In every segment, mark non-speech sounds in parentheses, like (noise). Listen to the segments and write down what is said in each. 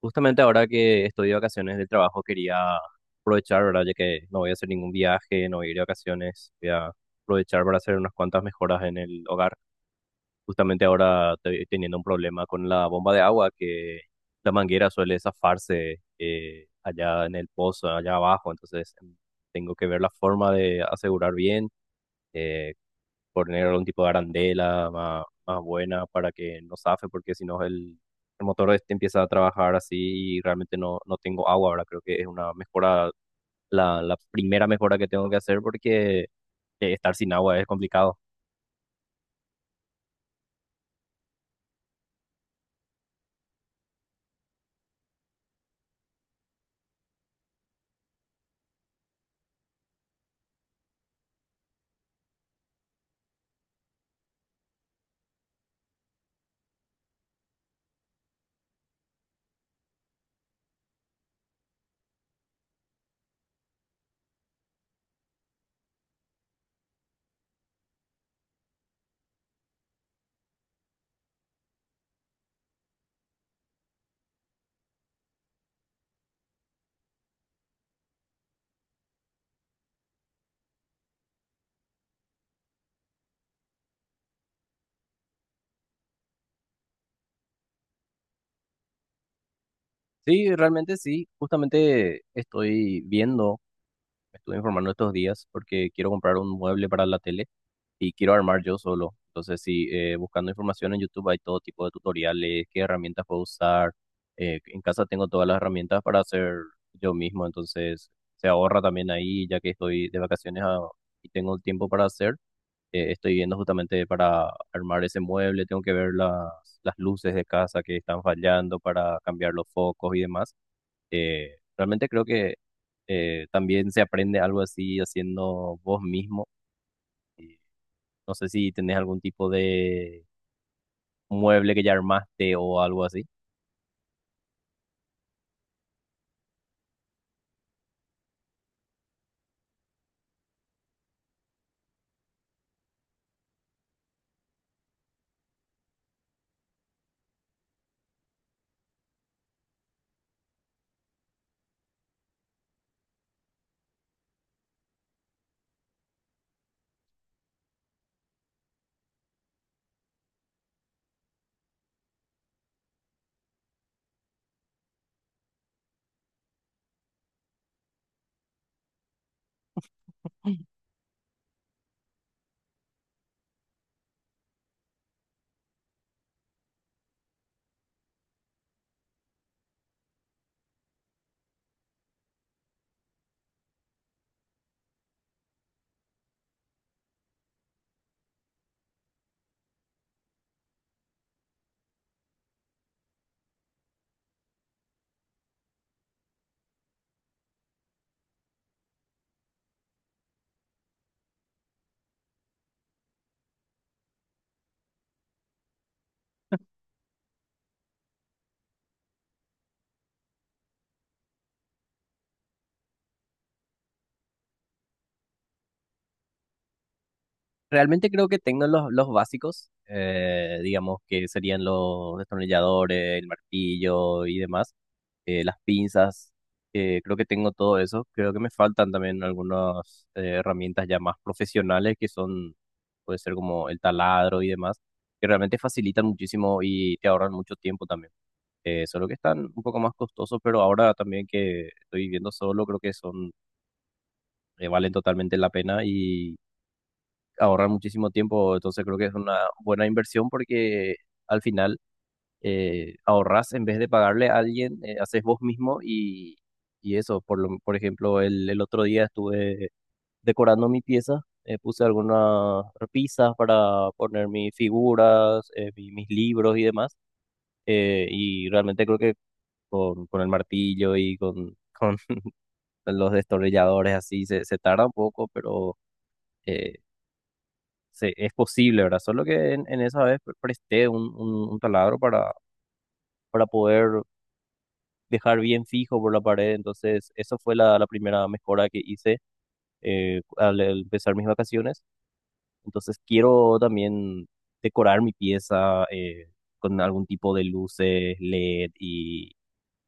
Justamente ahora que estoy de vacaciones del trabajo quería aprovechar, ¿verdad? Ya que no voy a hacer ningún viaje, no voy a ir de vacaciones, voy a aprovechar para hacer unas cuantas mejoras en el hogar. Justamente ahora estoy teniendo un problema con la bomba de agua, que la manguera suele zafarse allá en el pozo, allá abajo, entonces tengo que ver la forma de asegurar bien. eh, Poner algún tipo de arandela más, más buena para que no zafe, porque si no el motor este empieza a trabajar así y realmente no tengo agua. Ahora creo que es una mejora, la primera mejora que tengo que hacer porque estar sin agua es complicado. Sí, realmente sí, justamente estoy viendo, me estuve informando estos días porque quiero comprar un mueble para la tele y quiero armar yo solo. Entonces, sí, buscando información en YouTube hay todo tipo de tutoriales, qué herramientas puedo usar. En casa tengo todas las herramientas para hacer yo mismo, entonces se ahorra también ahí, ya que estoy de vacaciones y tengo el tiempo para hacer. Estoy viendo justamente para armar ese mueble, tengo que ver las luces de casa que están fallando para cambiar los focos y demás. Realmente creo que también se aprende algo así haciendo vos mismo. No sé si tenés algún tipo de mueble que ya armaste o algo así. Realmente creo que tengo los básicos, digamos que serían los destornilladores, el martillo y demás, las pinzas. Creo que tengo todo eso. Creo que me faltan también algunas herramientas ya más profesionales que son, puede ser como el taladro y demás, que realmente facilitan muchísimo y te ahorran mucho tiempo también. Solo que están un poco más costosos, pero ahora también que estoy viviendo solo, creo que son valen totalmente la pena y ahorrar muchísimo tiempo. Entonces creo que es una buena inversión porque al final ahorras en vez de pagarle a alguien, haces vos mismo y eso. Por ejemplo, el otro día estuve decorando mi pieza, puse algunas repisas para poner mis figuras, mis libros y demás. Y realmente creo que con el martillo y con (laughs) los destornilladores así se tarda un poco, pero eh, es posible, ¿verdad? Solo que en esa vez presté un taladro para poder dejar bien fijo por la pared. Entonces, eso fue la primera mejora que hice al empezar mis vacaciones. Entonces, quiero también decorar mi pieza con algún tipo de luces, LED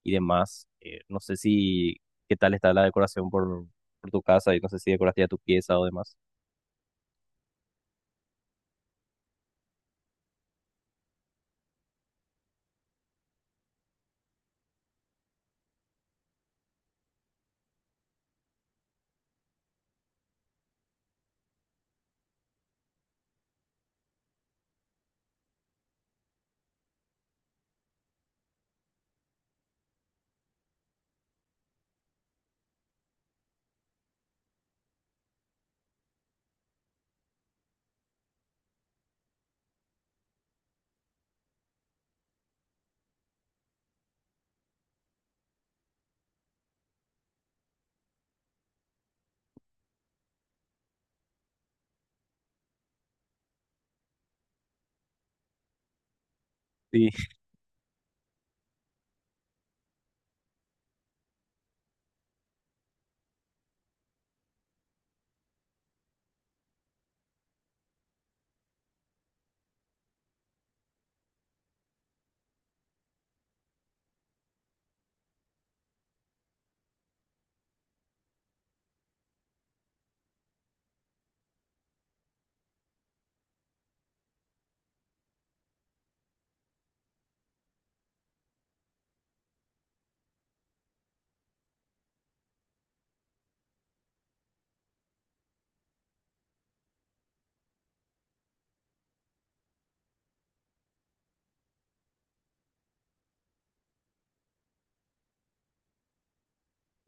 y demás. No sé si ¿Qué tal está la decoración por tu casa? Y no sé si decoraste ya tu pieza o demás. Sí.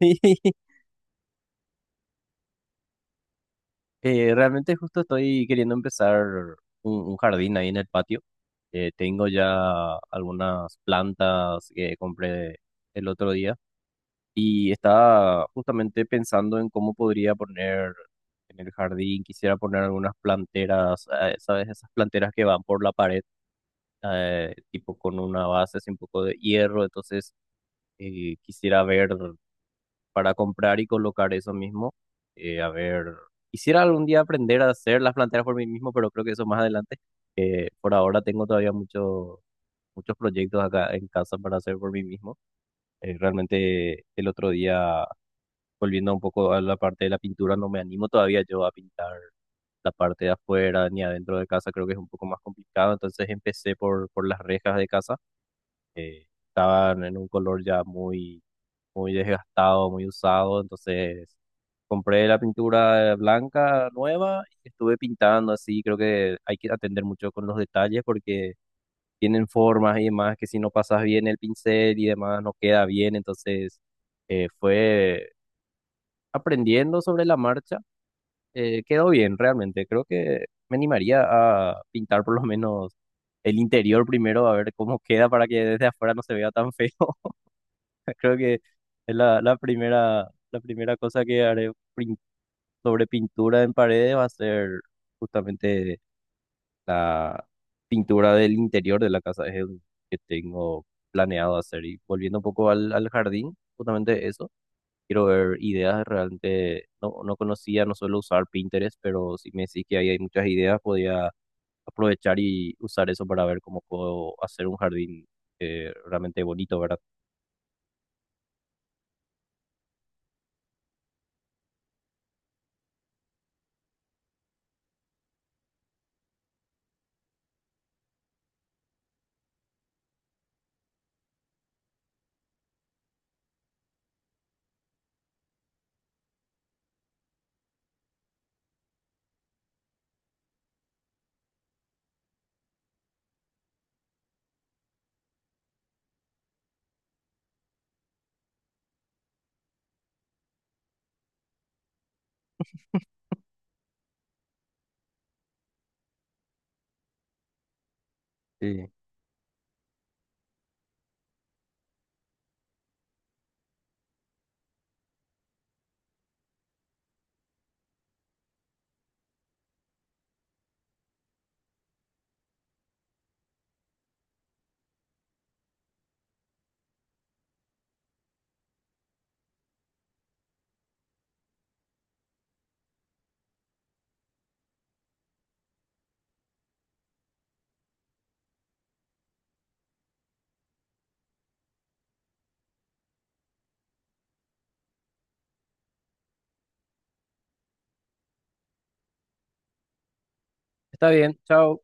(laughs) Realmente justo estoy queriendo empezar un jardín ahí en el patio. Tengo ya algunas plantas que compré el otro día y estaba justamente pensando en cómo podría poner en el jardín. Quisiera poner algunas planteras, ¿sabes? Esas planteras que van por la pared, tipo con una base así un poco de hierro. Entonces quisiera ver para comprar y colocar eso mismo. A ver, quisiera algún día aprender a hacer las planteras por mí mismo, pero creo que eso más adelante. Por ahora tengo todavía muchos muchos proyectos acá en casa para hacer por mí mismo. Realmente el otro día, volviendo un poco a la parte de la pintura, no me animo todavía yo a pintar la parte de afuera ni adentro de casa, creo que es un poco más complicado. Entonces empecé por las rejas de casa estaban en un color ya muy, muy desgastado, muy usado, entonces compré la pintura blanca nueva y estuve pintando así, creo que hay que atender mucho con los detalles porque tienen formas y demás que si no pasas bien el pincel y demás no queda bien, entonces fue aprendiendo sobre la marcha, quedó bien realmente, creo que me animaría a pintar por lo menos el interior primero a ver cómo queda para que desde afuera no se vea tan feo. (laughs) Creo que es la primera cosa que haré sobre pintura en paredes va a ser justamente la pintura del interior de la casa. Es el que tengo planeado hacer. Y volviendo un poco al jardín, justamente eso. Quiero ver ideas realmente. No, no conocía, no suelo usar Pinterest, pero si me decís que ahí hay muchas ideas, podía aprovechar y usar eso para ver cómo puedo hacer un jardín realmente bonito, ¿verdad? Sí. Está bien, chao.